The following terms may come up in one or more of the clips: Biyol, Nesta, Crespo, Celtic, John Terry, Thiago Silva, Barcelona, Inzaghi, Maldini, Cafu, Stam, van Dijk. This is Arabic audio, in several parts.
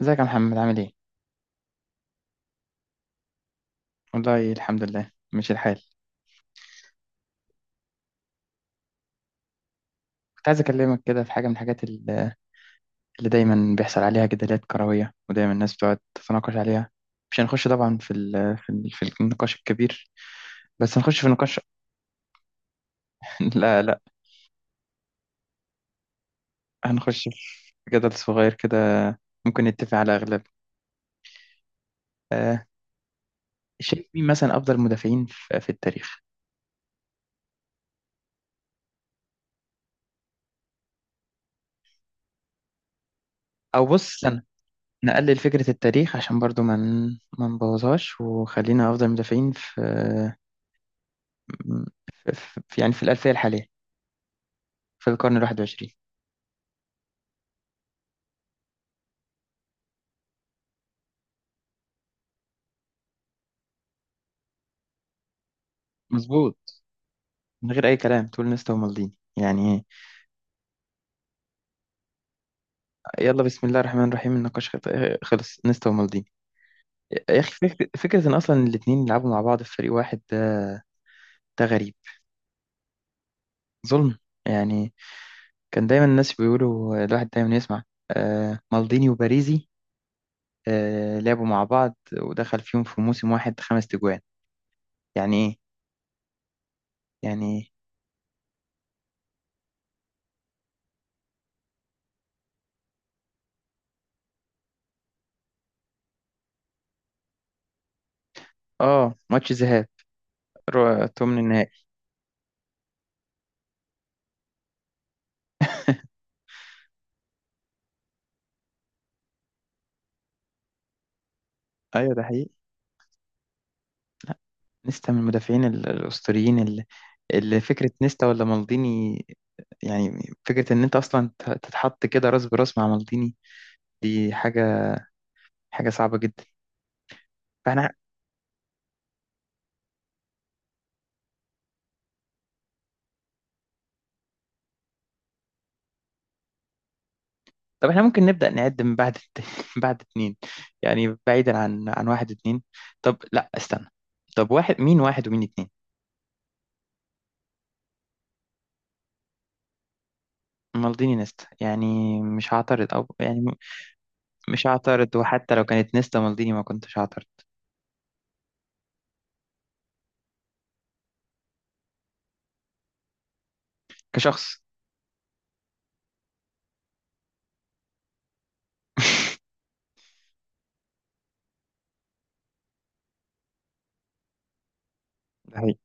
ازيك يا محمد، عامل ايه؟ والله، الحمد لله ماشي الحال. كنت عايز اكلمك كده في حاجة من الحاجات اللي دايما بيحصل عليها جدالات كروية، ودايما الناس بتقعد تتناقش عليها. مش هنخش طبعا في النقاش الكبير، بس هنخش في نقاش. لا، لا، هنخش في جدل صغير كده، ممكن نتفق على اغلب. آه. شايف مين مثلا افضل مدافعين في التاريخ؟ او بص، أنا نقلل فكرة التاريخ عشان برضو ما من، نبوظهاش، وخلينا افضل مدافعين في، يعني في الألفية الحالية، في القرن الواحد وعشرين. مظبوط. من غير أي كلام تقول نيستا ومالديني، يعني إيه؟ يلا، بسم الله الرحمن الرحيم، النقاش خلص نيستا ومالديني. يا أخي، فكرة إن أصلا الاتنين يلعبوا مع بعض في فريق واحد ده. ده غريب. ظلم، يعني. كان دايما الناس بيقولوا الواحد دايما يسمع آه، مالديني وباريزي، آه، لعبوا مع بعض ودخل فيهم في موسم واحد 5 تجوان، يعني إيه؟ يعني إيه؟ آه، ماتش ذهاب. تومن النهائي. أيوة، ده حقيقي. نيستا من المدافعين الأسطوريين، اللي فكرة نيستا ولا مالديني، يعني فكرة إن أنت أصلا تتحط كده راس براس مع مالديني، دي حاجة، حاجة صعبة جدا. فإحنا، طب إحنا ممكن نبدأ نعد من بعد بعد اتنين، يعني بعيدا عن واحد اتنين. طب لا، استنى، طب واحد مين واحد ومين اتنين؟ مالديني نيستا، يعني مش هعترض، أو يعني مش هعترض، وحتى لو كانت نيستا مالديني ما كنتش هعترض. كشخص. ده حقيقي.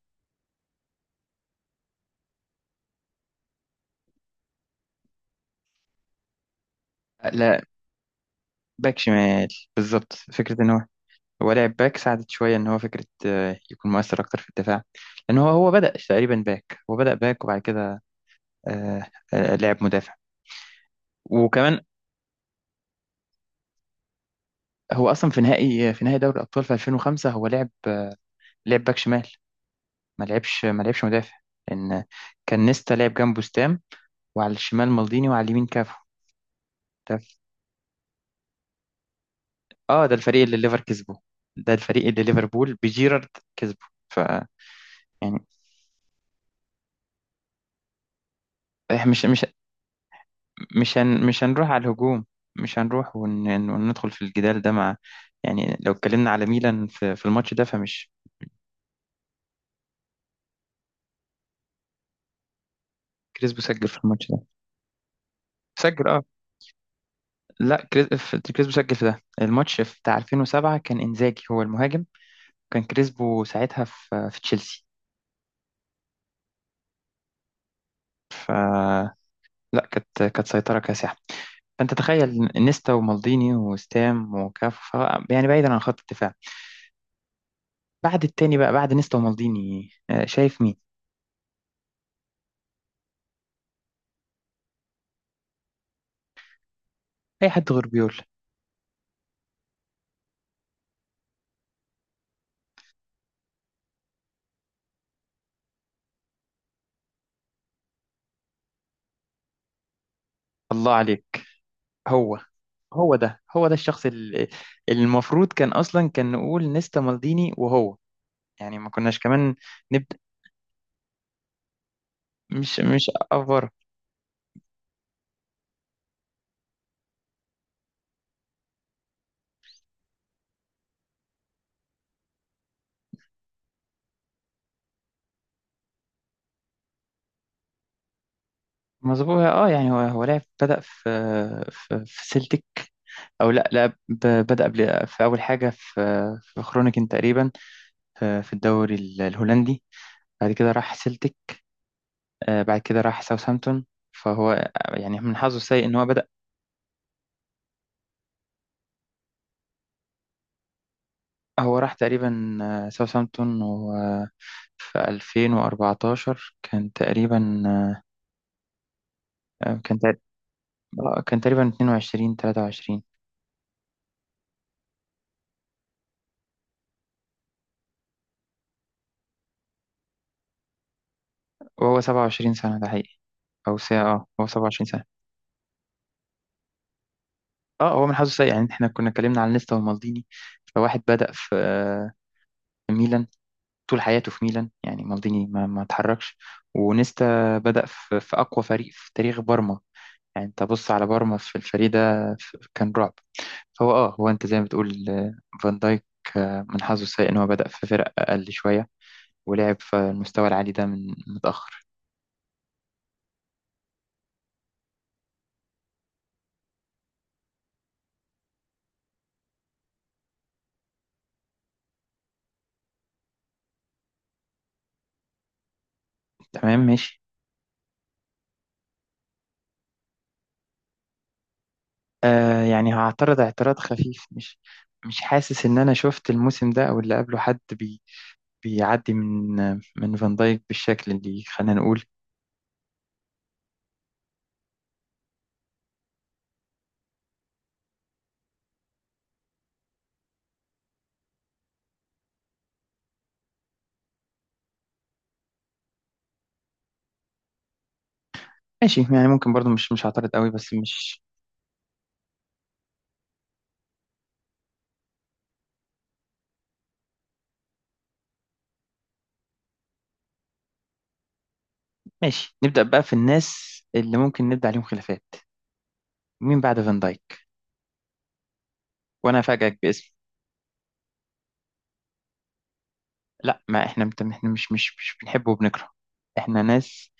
لا. باك شمال. بالظبط، فكرة إن هو، هو لعب باك ساعدت شوية إن هو فكرة يكون مؤثر أكتر في الدفاع، لأن هو بدأ تقريبا باك، هو بدأ باك وبعد كده آه، لعب مدافع. وكمان، هو أصلا في نهائي دوري الأبطال في 2005 هو لعب باك شمال، ما لعبش مدافع. لأن كان نيستا لعب جنبه ستام، وعلى الشمال مالديني وعلى اليمين كافو. ده، اه، ده الفريق اللي كسبه، ده الفريق اللي ليفربول بجيرارد كسبه، ف، يعني، مش مش هنروح على الهجوم، مش هنروح ون... وندخل في الجدال ده مع، يعني لو اتكلمنا على ميلان في الماتش ده، فمش. كريسبو سجل في الماتش ده. سجل، اه. لا، كريسبو سجل في ده الماتش في بتاع 2007، كان انزاجي هو المهاجم، كان كريسبو ساعتها في تشيلسي. ف، لا، كانت سيطرة كاسحة. فانت تخيل نيستا ومالديني وستام وكاف، يعني بعيدا عن خط الدفاع. بعد التاني بقى، بعد نيستا ومالديني، آه، شايف مين؟ اي حد غير بيول. الله عليك. هو هو ده هو ده الشخص اللي المفروض كان اصلا، كان نقول نيستا مالديني وهو، يعني ما كناش كمان نبدا، مش افور. مظبوط. اه، يعني هو لعب بدا في سلتك. او لا، لا، بدا قبل في اول حاجه في، في خرونيكن تقريبا، في الدوري الهولندي، بعد كده راح سلتك، آه، بعد كده راح ساوثهامبتون. فهو يعني من حظه السيء ان هو بدا. هو راح تقريبا آه، ساوثهامبتون في 2014، كان تقريبا، آه، كان تقريبا كان تقريبا 22 23، وهو 27 سنة، ده حقيقي. أو ساعة، اه، هو 27 سنة. اه، هو من حظه سيء. يعني احنا كنا اتكلمنا عن نيستا ومالديني، فواحد بدأ في، في ميلان، طول حياته في ميلان، يعني مالديني ما اتحركش، ونيستا بدأ في أقوى فريق في تاريخ بارما، يعني انت بص على بارما في الفريق ده، كان رعب. فهو اه هو انت زي ما بتقول آه، فان دايك، آه، من حظه السيء ان هو بدأ في فرق اقل شوية، ولعب في المستوى العالي ده من متأخر. تمام، ماشي. آه، يعني هعترض اعتراض خفيف. مش حاسس ان انا شفت الموسم ده او اللي قبله حد بي، بيعدي من فان دايك بالشكل اللي، خلينا نقول، ماشي. يعني ممكن برضو مش هعترض قوي، بس مش. ماشي، نبدأ بقى في الناس اللي ممكن نبدأ عليهم خلافات. مين بعد فان دايك؟ وانا افاجئك باسم. لا، ما احنا مش بنحبه وبنكرهه، احنا ناس،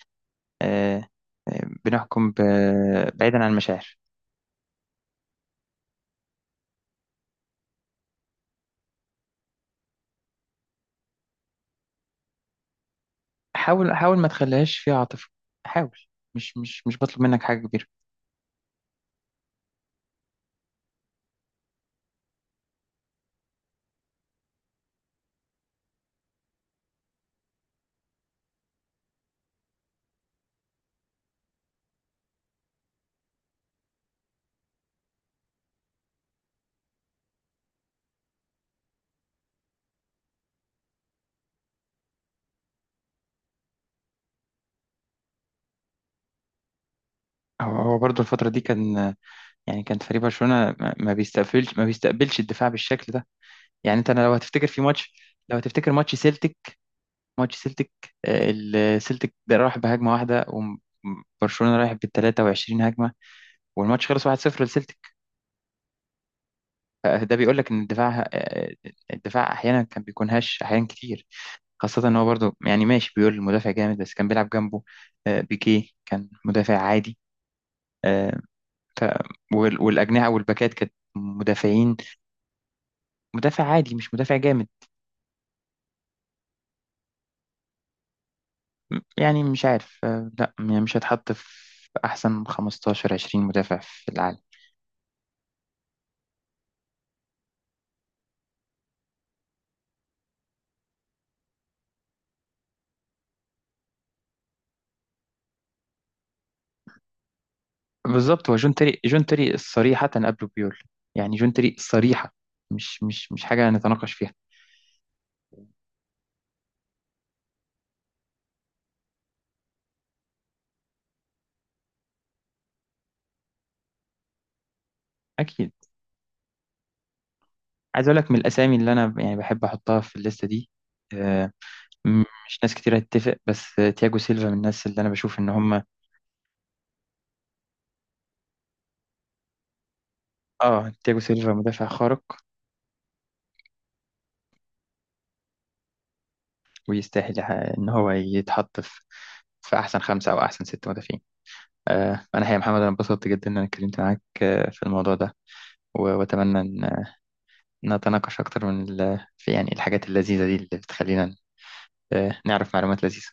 آه، آه، بنحكم بعيدا عن المشاعر. حاول، حاول ما تخليهاش فيها عاطفة، حاول، مش بطلب منك حاجة كبيرة. هو برضه الفترة دي كان، يعني كان فريق برشلونة ما بيستقبلش الدفاع بالشكل ده. يعني انت، أنا لو هتفتكر في ماتش، لو هتفتكر ماتش سيلتيك، ماتش سيلتيك، آه، السيلتيك ده راح بهجمة واحدة وبرشلونة رايح بال 23 هجمة، والماتش خلص 1-0 لسيلتيك. فده بيقول لك ان الدفاع، آه، الدفاع احيانا كان بيكون هش، احيانا كتير. خاصة ان هو، برضو، يعني ماشي، بيقول المدافع جامد، بس كان بيلعب جنبه آه، بيكيه كان مدافع عادي، آه، ف- والأجنحة والباكات كانت مدافعين، مدافع عادي مش مدافع جامد. يعني مش عارف، آه، لا، يعني مش هتحط في أحسن 15 20 مدافع في العالم. بالظبط، هو جون تيري. جون تيري صريحة قبله بيول، يعني جون تيري صريحة، مش حاجة نتناقش فيها. أكيد. عايز أقول لك من الأسامي اللي أنا يعني بحب أحطها في الليستة دي، آه، مش ناس كتير هتتفق، بس تياجو سيلفا من الناس اللي انا بشوف ان هم، اه، تياجو سيلفا مدافع خارق، ويستاهل ان هو يتحط في احسن خمسة او احسن ست مدافعين. آه، انا يا محمد، انا انبسطت جدا ان انا اتكلمت معاك آه، في الموضوع ده، واتمنى ان نتناقش اكتر من في، يعني، الحاجات اللذيذة دي اللي بتخلينا آه، نعرف معلومات لذيذة.